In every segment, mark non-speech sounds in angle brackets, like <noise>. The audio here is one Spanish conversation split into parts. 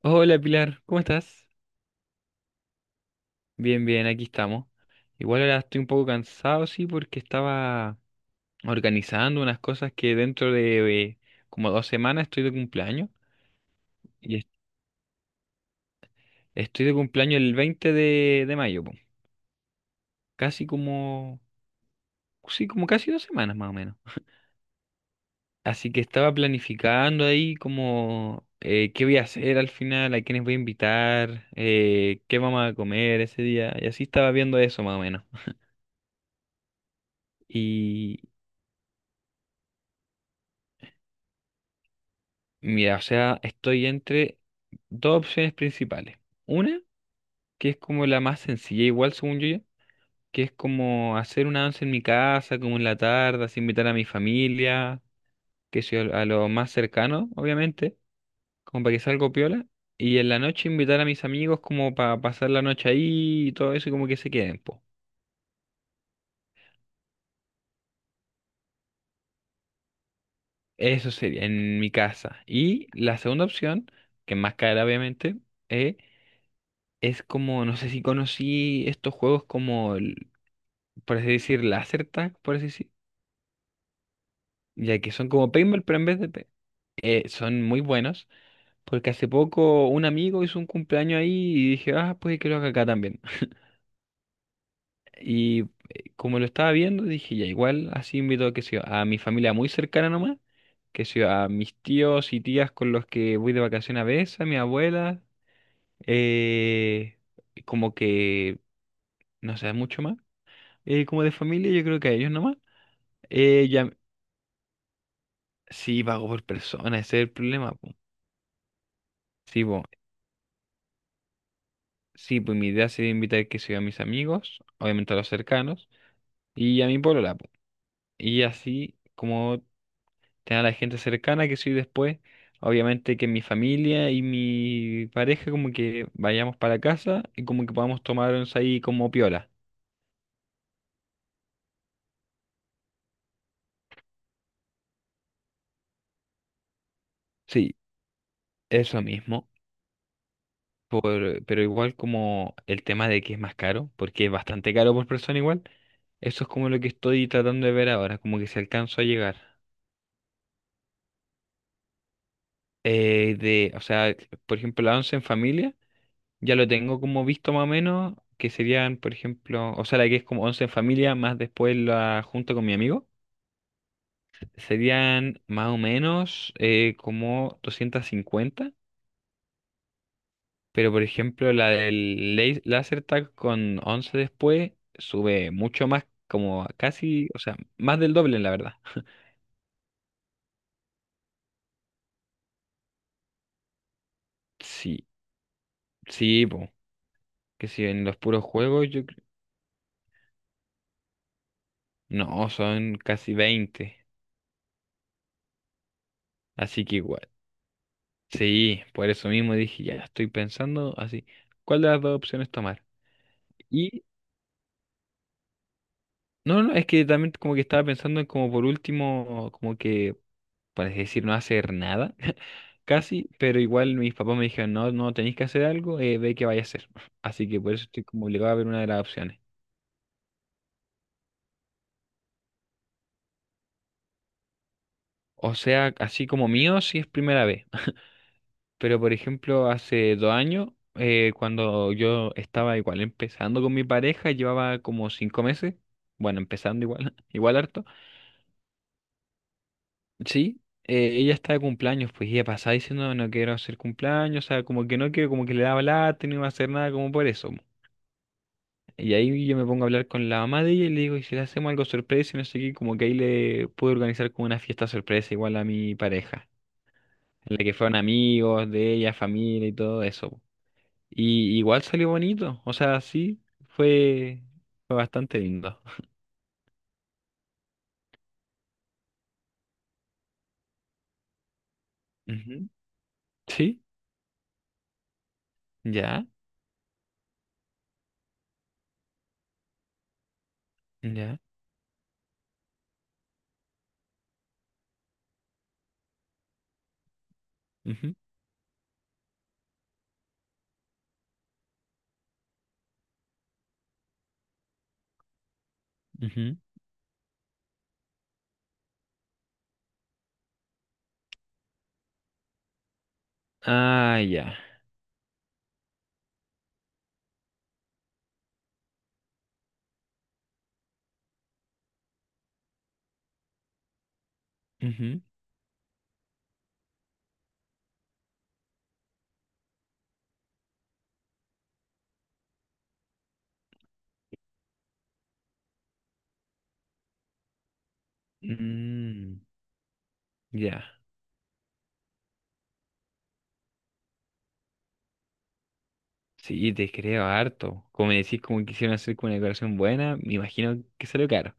Hola Pilar, ¿cómo estás? Bien, bien, aquí estamos. Igual ahora estoy un poco cansado, sí, porque estaba organizando unas cosas que dentro de como dos semanas estoy de cumpleaños. Y es- Estoy de cumpleaños el 20 de mayo, po. Casi como, sí, como casi dos semanas más o menos. Así que estaba planificando ahí como qué voy a hacer al final, a quiénes voy a invitar, qué vamos a comer ese día. Y así estaba viendo eso más o menos. y Mira, o sea, estoy entre dos opciones principales. Una, que es como la más sencilla, igual según yo, ya, que es como hacer una once en mi casa, como en la tarde, así invitar a mi familia, que sea a lo más cercano, obviamente, como para que salga piola. Y en la noche invitar a mis amigos como para pasar la noche ahí y todo eso y como que se queden, po. Eso sería en mi casa. Y la segunda opción, que es más cara obviamente, es... Es como, no sé si conocí estos juegos como por así decir, láser tag, por así decir, ya que son como paintball, pero en vez de... pe- son muy buenos, porque hace poco un amigo hizo un cumpleaños ahí y dije, ah, pues que lo haga acá también. <laughs> Y como lo estaba viendo, dije, ya igual, así invito qué sé yo, a mi familia muy cercana nomás, que sea a mis tíos y tías con los que voy de vacaciones a veces, a mi abuela, eh, como que, no sé, mucho más, como de familia, yo creo que a ellos nomás. Ya, sí, pago por persona, ese es el problema, po. Sí, po. Sí, pues mi idea sería invitar que sea a mis amigos, obviamente a los cercanos, y a mi polola, po. Y así como tener a la gente cercana que soy después, obviamente que mi familia y mi pareja como que vayamos para casa y como que podamos tomarnos ahí como piola. Sí, eso mismo. Por, pero igual como el tema de que es más caro, porque es bastante caro por persona igual, eso es como lo que estoy tratando de ver ahora, como que si alcanzo a llegar. O sea, por ejemplo, la once en familia, ya lo tengo como visto más o menos, que serían, por ejemplo, o sea, la que es como once en familia, más después la junto con mi amigo, serían más o menos como 250, pero por ejemplo, laser tag con 11 después sube mucho más, como casi, o sea, más del doble, la verdad. Sí, sí, po, que si en los puros juegos, no, son casi 20, así que igual. Sí, por eso mismo dije, ya estoy pensando así, ¿cuál de las dos opciones tomar? Y no, no, es que también como que estaba pensando en como por último, como que, para decir, no hacer nada, <laughs> casi, pero igual mis papás me dijeron, no, no tenéis que hacer algo, ve qué vaya a hacer. <laughs> Así que por eso estoy como obligado a ver una de las opciones. O sea, así como mío, sí es primera vez. <laughs> Pero por ejemplo, hace 2 años, cuando yo estaba igual empezando con mi pareja, llevaba como 5 meses, bueno, empezando igual, <laughs> igual harto. Sí, ella está de cumpleaños, pues y ella pasaba diciendo no quiero hacer cumpleaños, o sea, como que no quiero, como que le daba lata, y no iba a hacer nada, como por eso. Y ahí yo me pongo a hablar con la mamá de ella y le digo, ¿y si le hacemos algo sorpresa? Y no sé qué, como que ahí le pude organizar como una fiesta sorpresa igual a mi pareja, en la que fueron amigos de ella, familia y todo eso. Po. Y igual salió bonito, o sea, sí, fue, fue bastante lindo. Ujú. Sí, ya, ya. Ujú, ujú. Ah, ya. Ujú. Mm, ya, sí, te creo harto. Como me decís, como quisieron hacer con una decoración buena, me imagino que salió caro.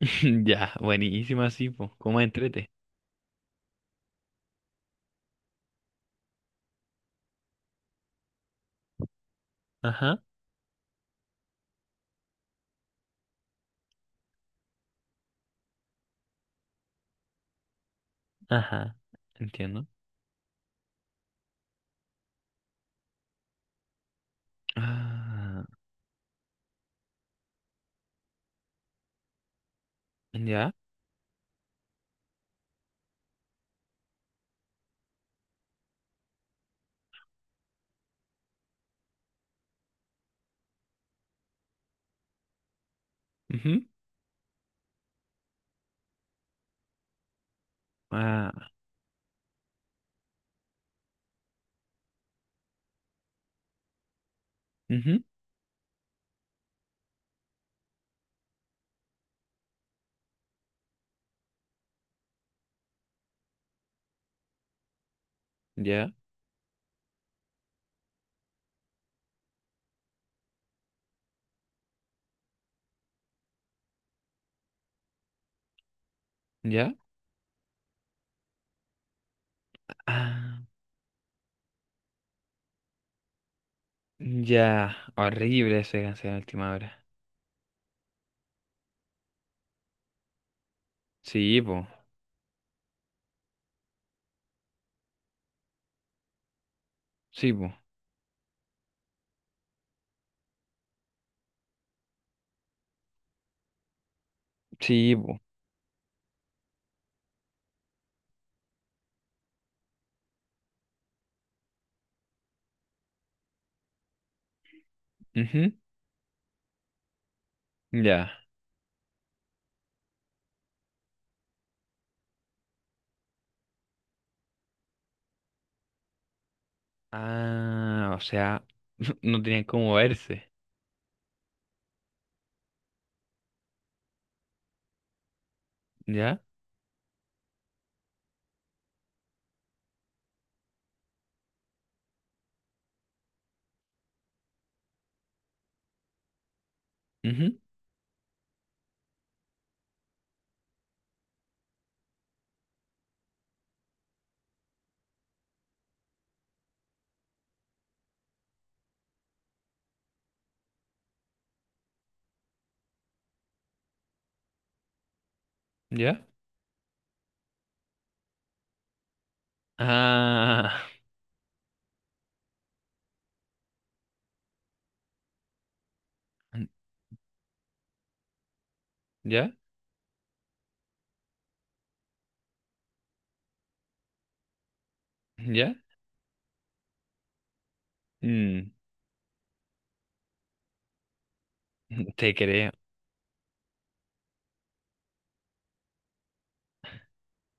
<laughs> Ya, buenísimo así, pues, como entrete. Ajá, ajá, entiendo. Ah, ya, ujú, ah, ujú, ya, ya, ah, ya, horrible eso de cancelar a última hora. Sí, po, sí, po, sí, po, ujú, ya. Ah, o sea, <laughs> no tenían cómo verse, ya, ujú, ya. Ah, ¿ya? ¿Ya? Mm, <laughs> te creo,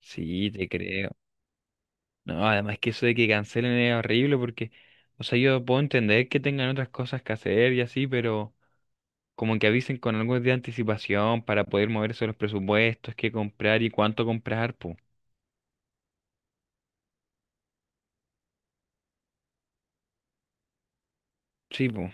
sí, te creo. No, además que eso de que cancelen es horrible porque, o sea, yo puedo entender que tengan otras cosas que hacer y así, pero como que avisen con algo de anticipación para poder moverse los presupuestos, qué comprar y cuánto comprar, pues. Sí, pues.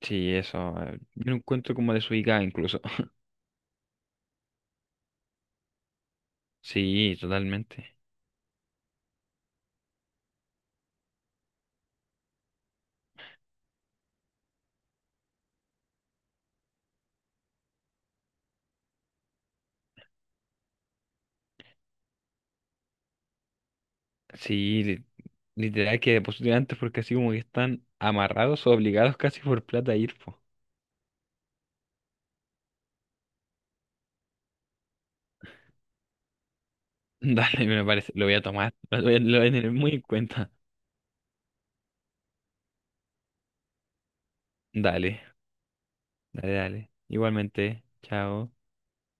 Sí, eso. Yo lo encuentro como desubicado incluso. <laughs> Sí, totalmente. Sí, li- literal que depositen antes porque así como que están amarrados o obligados casi por plata a ir, po. <laughs> Dale, me parece, lo voy a tomar, lo voy a tener muy en cuenta. Dale, dale, dale. Igualmente, chao.